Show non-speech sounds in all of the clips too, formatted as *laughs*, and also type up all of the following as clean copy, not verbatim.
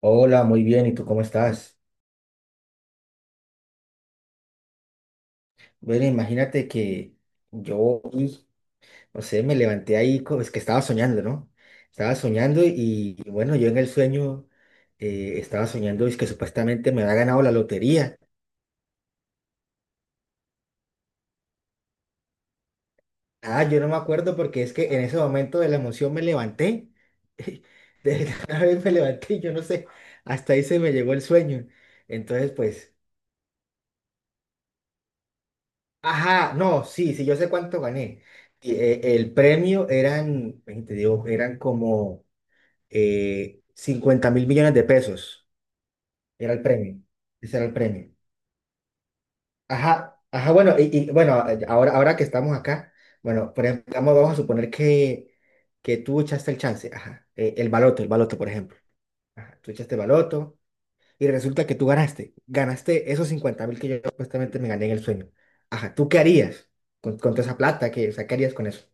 Hola, muy bien, ¿y tú cómo estás? Bueno, imagínate que yo, no sé, me levanté ahí, es que estaba soñando, ¿no? Estaba soñando y bueno, yo en el sueño estaba soñando es que supuestamente me había ganado la lotería. Ah, yo no me acuerdo porque es que en ese momento de la emoción me levanté, *laughs* de la vez me levanté y yo no sé, hasta ahí se me llegó el sueño. Entonces, pues... Ajá, no, sí, sí, yo sé cuánto gané. Y, el premio eran, ven, te digo, eran como 50 mil millones de pesos. Era el premio. Ese era el premio. Ajá, ajá, bueno, y, bueno, ahora que estamos acá, bueno, por ejemplo, vamos a suponer que tú echaste el chance, ajá, el baloto, por ejemplo. Ajá, tú echaste baloto y resulta que tú ganaste esos 50 mil que yo supuestamente me gané en el sueño. Ajá, ¿tú qué harías con toda esa plata? ¿Qué, o sea, qué harías con eso?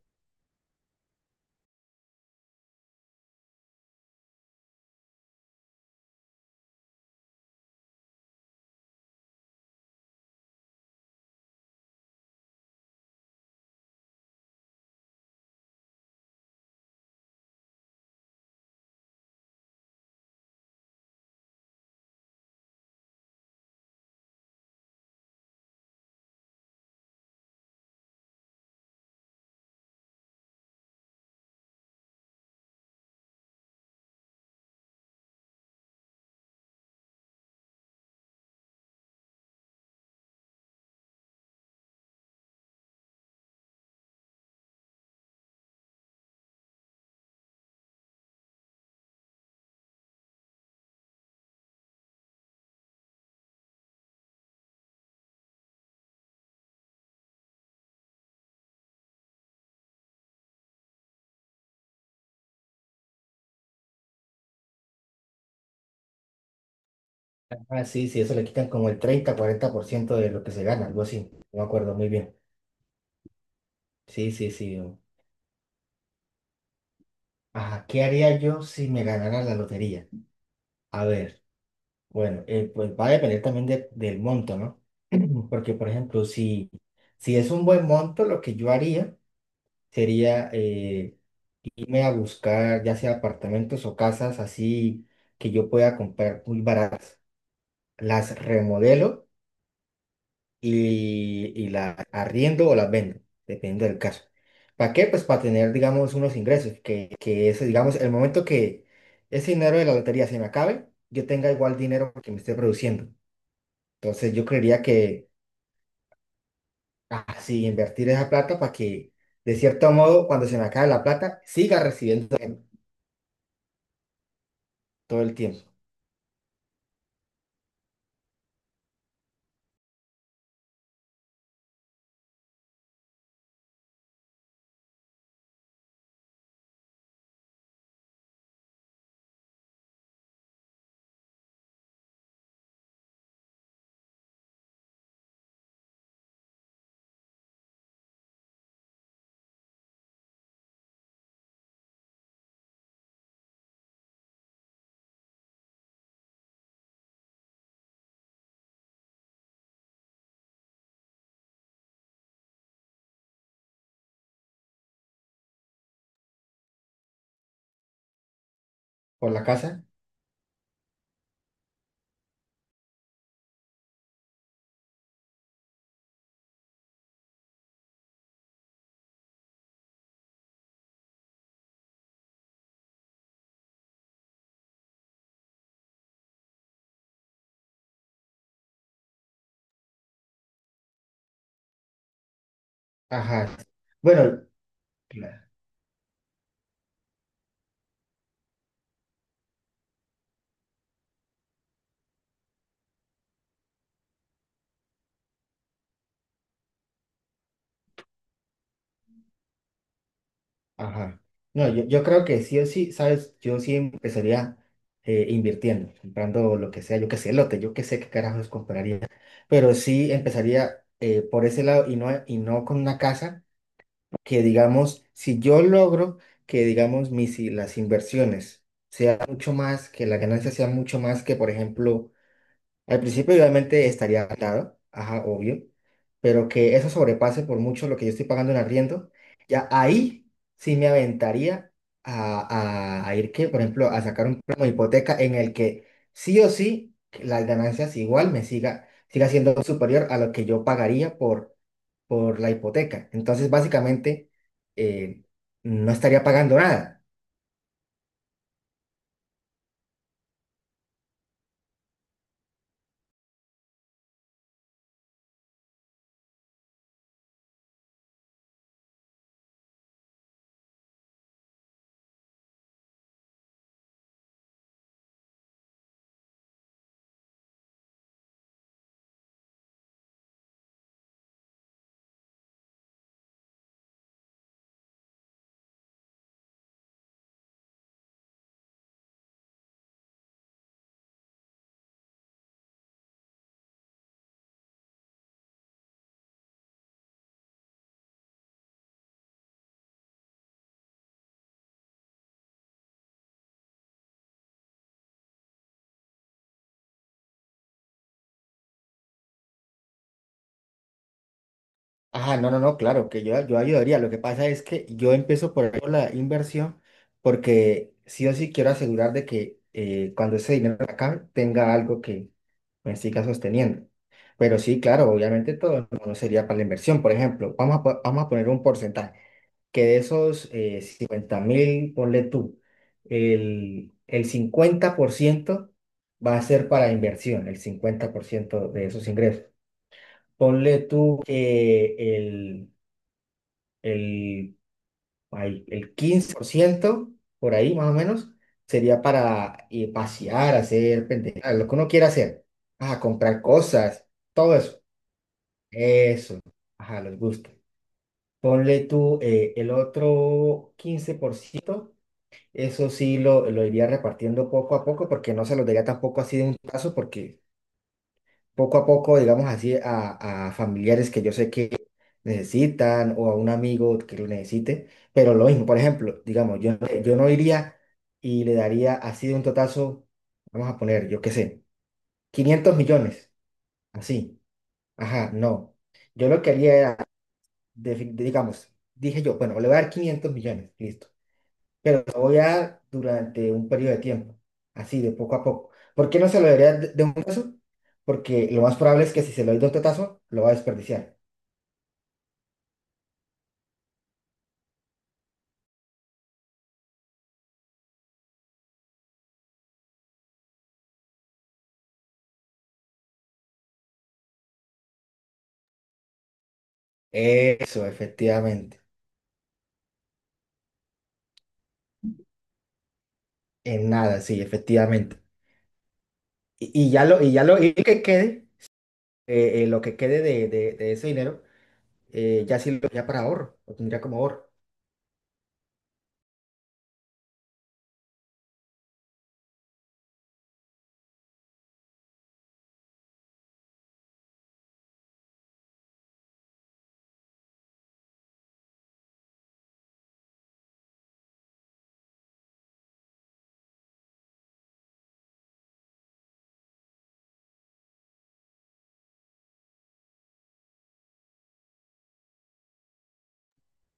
Ah, sí, sí, eso le quitan como el treinta cuarenta por ciento de lo que se gana, algo así. No me acuerdo muy bien. Sí, sí, sí. Ajá, ¿qué haría yo si me ganara la lotería? A ver, bueno, pues va a depender también del monto, ¿no? *clears throat* Porque, por ejemplo, si es un buen monto, lo que yo haría sería irme a buscar ya sea apartamentos o casas así que yo pueda comprar muy baratas. Las remodelo y la arriendo o la vendo, dependiendo del caso. ¿Para qué? Pues para tener, digamos, unos ingresos, que ese, digamos, el momento que ese dinero de la lotería se me acabe, yo tenga igual dinero que me esté produciendo. Entonces yo creería que así invertir esa plata para que, de cierto modo, cuando se me acabe la plata, siga recibiendo todo el tiempo por la casa. Ajá. Bueno, ajá. No, yo creo que sí o sí, ¿sabes? Yo sí empezaría invirtiendo, comprando lo que sea, yo que sé, lote, yo que sé qué carajos compraría, pero sí empezaría por ese lado y no con una casa que, digamos, si yo logro que, digamos, las inversiones sea mucho más, que la ganancia sea mucho más que, por ejemplo, al principio, obviamente, estaría atado, ajá, obvio, pero que eso sobrepase por mucho lo que yo estoy pagando en arriendo, ya ahí sí me aventaría a ir, que, por ejemplo, a sacar un préstamo de hipoteca en el que sí o sí las ganancias igual me siga siendo superior a lo que yo pagaría por la hipoteca. Entonces, básicamente, eh, no estaría pagando nada. Ah, no, no, no, claro, que yo ayudaría. Lo que pasa es que yo empiezo por ahí, por la inversión porque sí o sí quiero asegurar de que cuando ese dinero acá tenga algo que me siga sosteniendo. Pero sí, claro, obviamente todo no sería para la inversión. Por ejemplo, vamos a poner un porcentaje, que de esos 50 mil, ponle tú, el 50% va a ser para inversión, el 50% de esos ingresos. Ponle tú que el, el 15% por ahí más o menos sería para pasear, hacer pendejadas, lo que uno quiera hacer. Ajá, comprar cosas, todo eso. Eso, ajá, les gusta. Ponle tú el otro 15% eso sí lo iría repartiendo poco a poco porque no se lo daría tampoco así de un paso porque poco a poco, digamos así, a familiares que yo sé que necesitan o a un amigo que lo necesite, pero lo mismo, por ejemplo, digamos, yo no iría y le daría así de un totazo, vamos a poner, yo qué sé, 500 millones, así, ajá, no. Yo lo que haría era, de- digamos, dije yo, bueno, le voy a dar 500 millones, listo pero lo voy a dar durante un periodo de tiempo, así de poco a poco. ¿Por qué no se lo daría de un tazo? Porque lo más probable es que si se lo doy de otro tazo, lo va a desperdiciar. Eso, efectivamente. En nada, sí, efectivamente. Y lo que quede de ese dinero, ya sí lo tendría para ahorro, lo tendría como ahorro.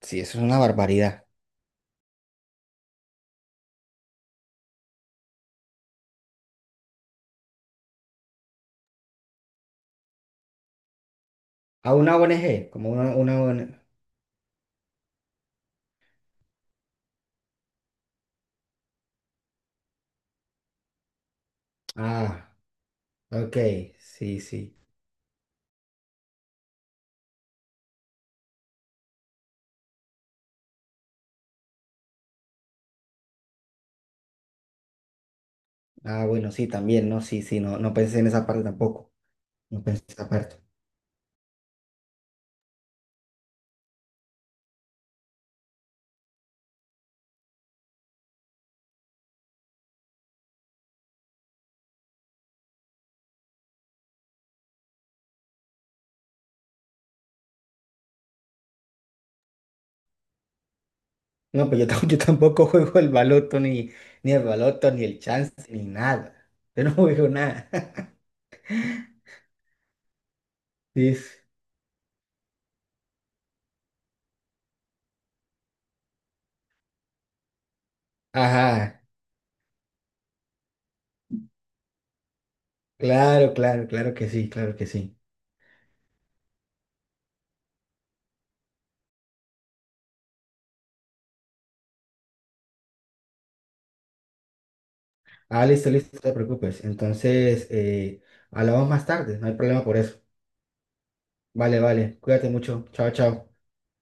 Sí, eso es una barbaridad. A una ONG, como una ONG. Ah, ok, sí, sí. Ah, bueno, sí, también, no, sí, sí, no, no pensé en esa parte tampoco. No pensé aparte. No, pues *laughs* yo tampoco juego el baloto, ni el baloto, ni el chance, ni nada. Yo no juego nada. *laughs* Sí. Ajá. Claro, claro, claro que sí, claro que sí. Ah, listo, listo, no te preocupes. Entonces, hablamos más tarde, no hay problema por eso. Vale, vale. Cuídate mucho. Chao, chao.